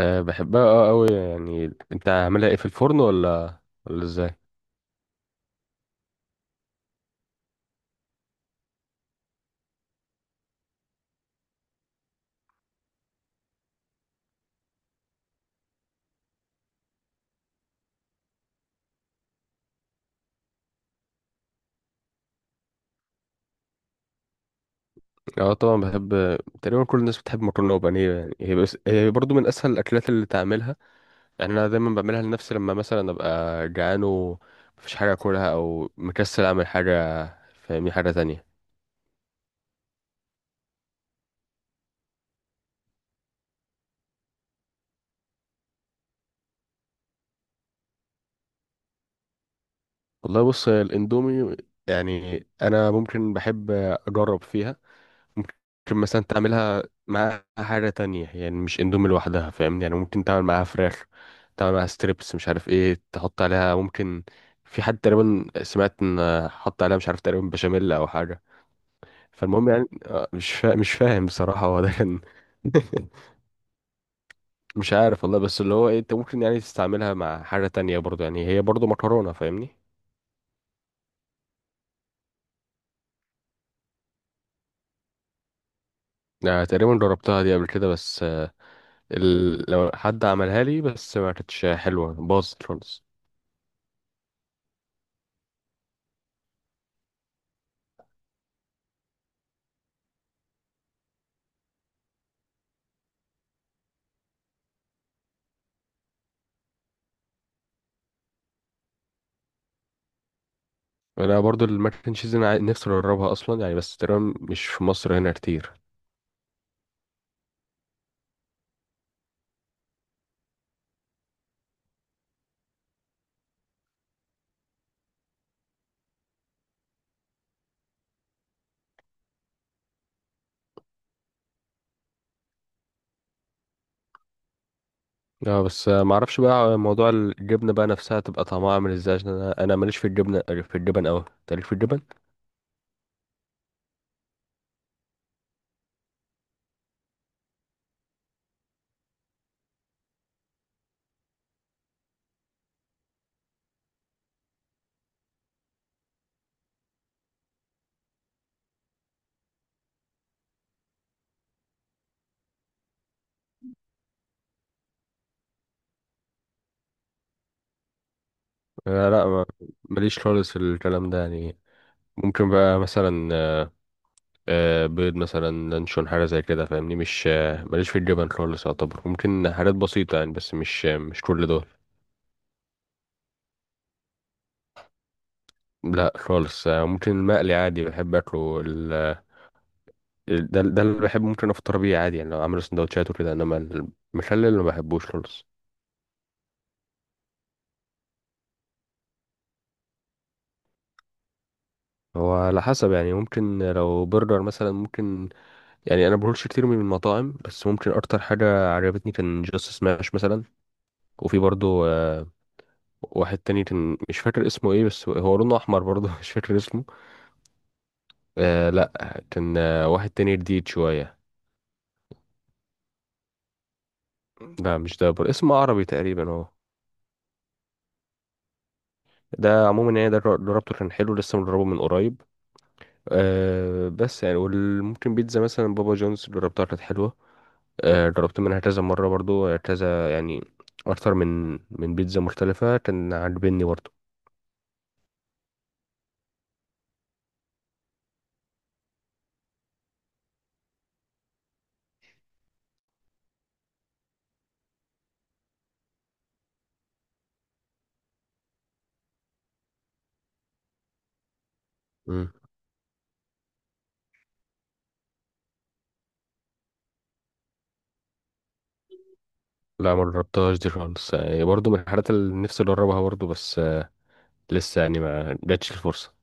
أه بحبها، اه قوي يعني. انت عاملها ايه، في الفرن ولا ازاي؟ اه طبعا بحب، تقريبا كل الناس بتحب مكرونه وبانيه. يعني هي بس هي برضو من اسهل الاكلات اللي تعملها. يعني انا دايما بعملها لنفسي، لما مثلا ابقى جعان ومفيش حاجه اكلها، او مكسل اعمل حاجه، فاهمني، حاجه تانية. والله بص، الاندومي يعني انا ممكن بحب اجرب فيها. ممكن مثلا تعملها معاها حاجة تانية، يعني مش اندومي لوحدها، فاهمني. يعني ممكن تعمل معاها فراخ، تعمل معاها ستريبس، مش عارف ايه تحط عليها. ممكن في حد تقريبا سمعت ان حط عليها، مش عارف، تقريبا بشاميل او حاجة. فالمهم يعني، مش فاهم بصراحة هو ده كان. مش عارف والله، بس اللي هو ايه، انت ممكن يعني تستعملها مع حاجة تانية برضو، يعني هي برضو مكرونة، فاهمني. يعني تقريبا جربتها دي قبل كده بس لو حد عملها لي بس ما كانتش حلوة، باظت خالص. انا برضو الماك اند تشيز، نفسي اجربها اصلا يعني، بس تقريبا مش في مصر هنا كتير. اه بس معرفش بقى، موضوع الجبنه بقى نفسها تبقى طعمها عامل ازاي، عشان انا ماليش في الجبنه، في الجبن اوي. أنت ليك في الجبن؟ آه لا، ماليش خالص في الكلام ده يعني. ممكن بقى مثلا بيض مثلا، لانشون، حاجه زي كده، فاهمني. مش ماليش في الجبن خالص يعتبر. ممكن حاجات بسيطه يعني، بس مش مش كل دول. لا خالص. ممكن المقلي عادي بحب اكله. ده اللي بحبه، ممكن افطر بيه عادي يعني، لو اعمل سندوتشات وكده. انما المخلل ما بحبوش خالص. هو على حسب يعني، ممكن لو برجر مثلا. ممكن يعني انا بقولش كتير من المطاعم، بس ممكن اكتر حاجه عجبتني كان جاست سماش مثلا. وفي برضو واحد تاني كان مش فاكر اسمه ايه، بس هو لونه احمر برضو. مش فاكر اسمه. آه لا، كان واحد تاني جديد شويه. لا مش ده برضو، اسمه عربي تقريبا هو. ده عموما يعني، ده جربته كان حلو، لسه مجربه من قريب. أه بس يعني، وممكن بيتزا مثلا بابا جونز جربتها كانت حلوة. أه جربت منها كذا مرة برضو، كذا يعني. أكتر من بيتزا مختلفة كان عاجبني برضو. مم. لا ما جربتهاش دي خالص يعني، برضو من الحاجات اللي نفسي أجربها برضو، بس أه، لسه يعني ما جاتش الفرصة.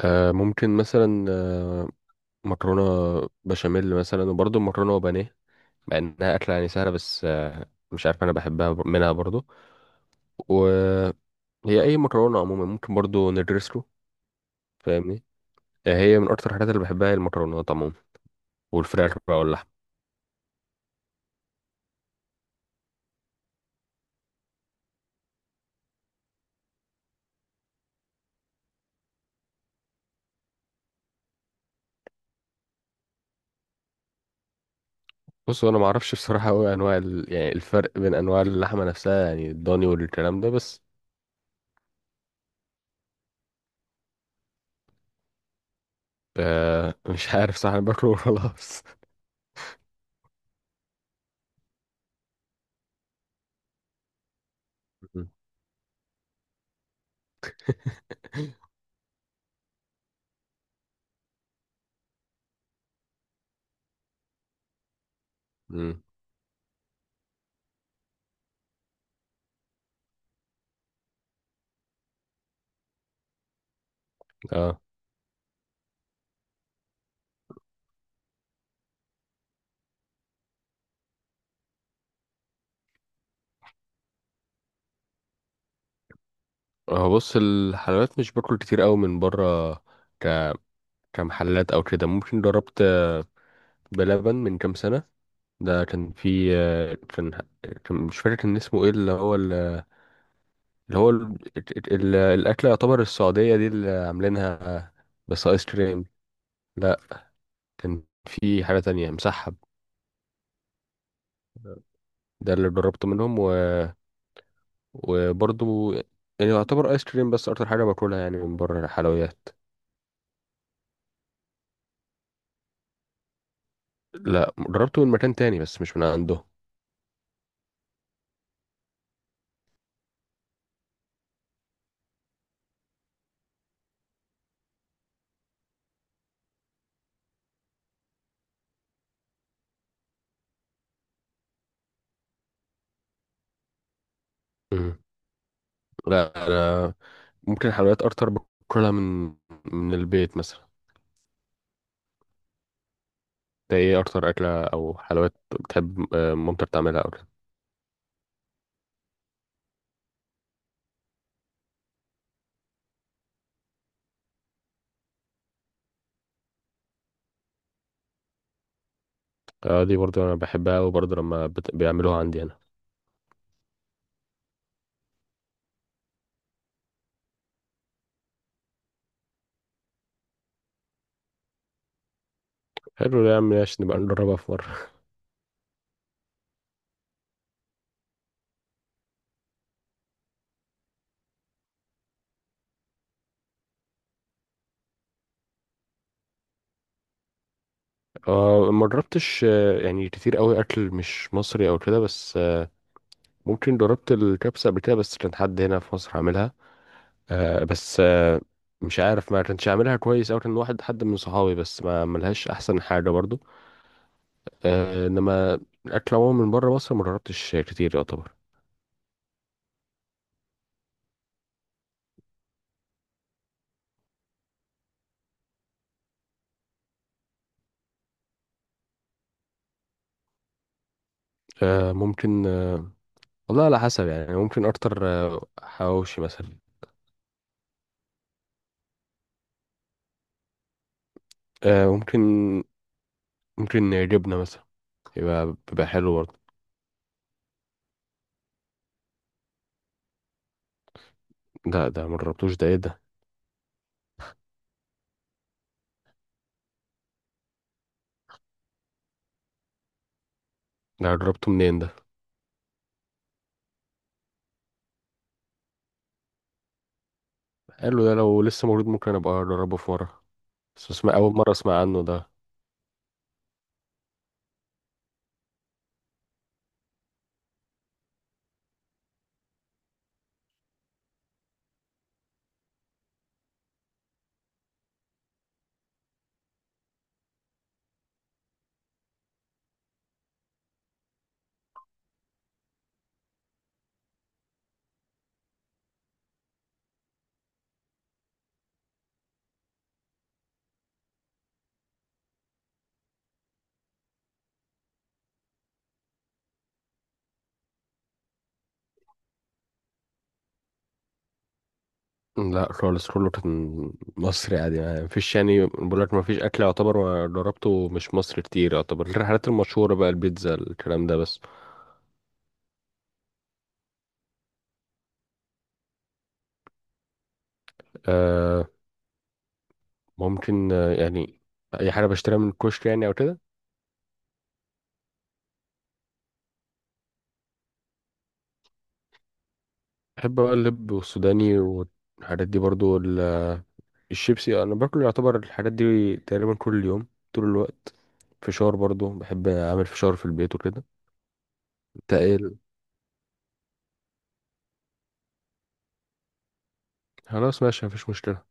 أه ممكن مثلا، أه، مكرونة بشاميل مثلا، وبرضو مكرونة وبانيه، مع إنها أكلة يعني سهلة، بس أه، مش عارف، أنا بحبها منها برضو. و هي اي مكرونه عموما ممكن برضو ندرسه، فاهمني. هي من اكتر الحاجات اللي بحبها هي المكرونات عموما، والفراخ بقى واللحمه. بص انا ما اعرفش بصراحه قوي انواع يعني الفرق بين انواع اللحمه نفسها، يعني الضاني والكلام ده بس. آه. مش عارف صح، انا باكله وخلاص. م- م- اه هو بص، الحلويات مش باكل كتير قوي من بره، ك... كمحلات او كده. ممكن جربت بلبن من كام سنه. ده كان في مش فاكر كان اسمه ايه. اللي هو الأكلة يعتبر السعودية دي اللي عاملينها، بس آيس كريم. لا، كان في حاجة تانية، مسحب. ده اللي جربته منهم، و... وبرضه يعني يعتبر آيس كريم بس أكتر حاجة باكلها يعني من بره الحلويات. لا جربته من مكان تاني بس مش من عنده. مم. لا أنا ممكن الحلويات أكتر باكلها من البيت مثلا. ده إيه أكتر أكلة أو حلويات بتحب مامتك تعملها أو كده؟ دي برضه أنا بحبها، وبرضه لما بيعملوها عندي أنا. حلو ده يا عم، ماشي، نبقى نجربها في مرة. آه ما جربتش يعني كتير قوي أكل مش مصري أو كده، بس آه ممكن جربت الكبسة قبل كده، بس كان حد هنا في مصر عاملها، آه بس آه، مش عارف، ما كانش عاملها كويس، أو كان واحد حد من صحابي بس ما عملهاش أحسن حاجة برضو. آه إنما الأكل عموما من بره مصر ما جربتش كتير يعتبر. آه ممكن، آه، والله على حسب يعني، ممكن أكتر حواوشي مثلا. آه ممكن، ممكن جبنة مثلا، يبقى بيبقى حلو برضه. ده ما جربتوش، ده ايه ده؟ ده جربته منين ده؟ قال له ده، لو لسه موجود ممكن ابقى اجربه في مره. بس اسمع، اول مره اسمع عنه ده. لا خالص، كله كان مصري عادي يعني. مفيش، يعني بقول لك مفيش اكل يعتبر ما جربته مش مصري كتير يعتبر، غير الحاجات المشهوره بقى، البيتزا الكلام ده بس. آه ممكن آه يعني، اي حاجه بشتريها من الكشك يعني او كده. بحب بقى اللب والسوداني والحاجات دي برضو. الشيبسي انا باكل يعتبر الحاجات دي تقريبا كل يوم، طول الوقت. فشار برضو بحب اعمل فشار في البيت وكده. تقل. خلاص ماشي، مفيش مشكله.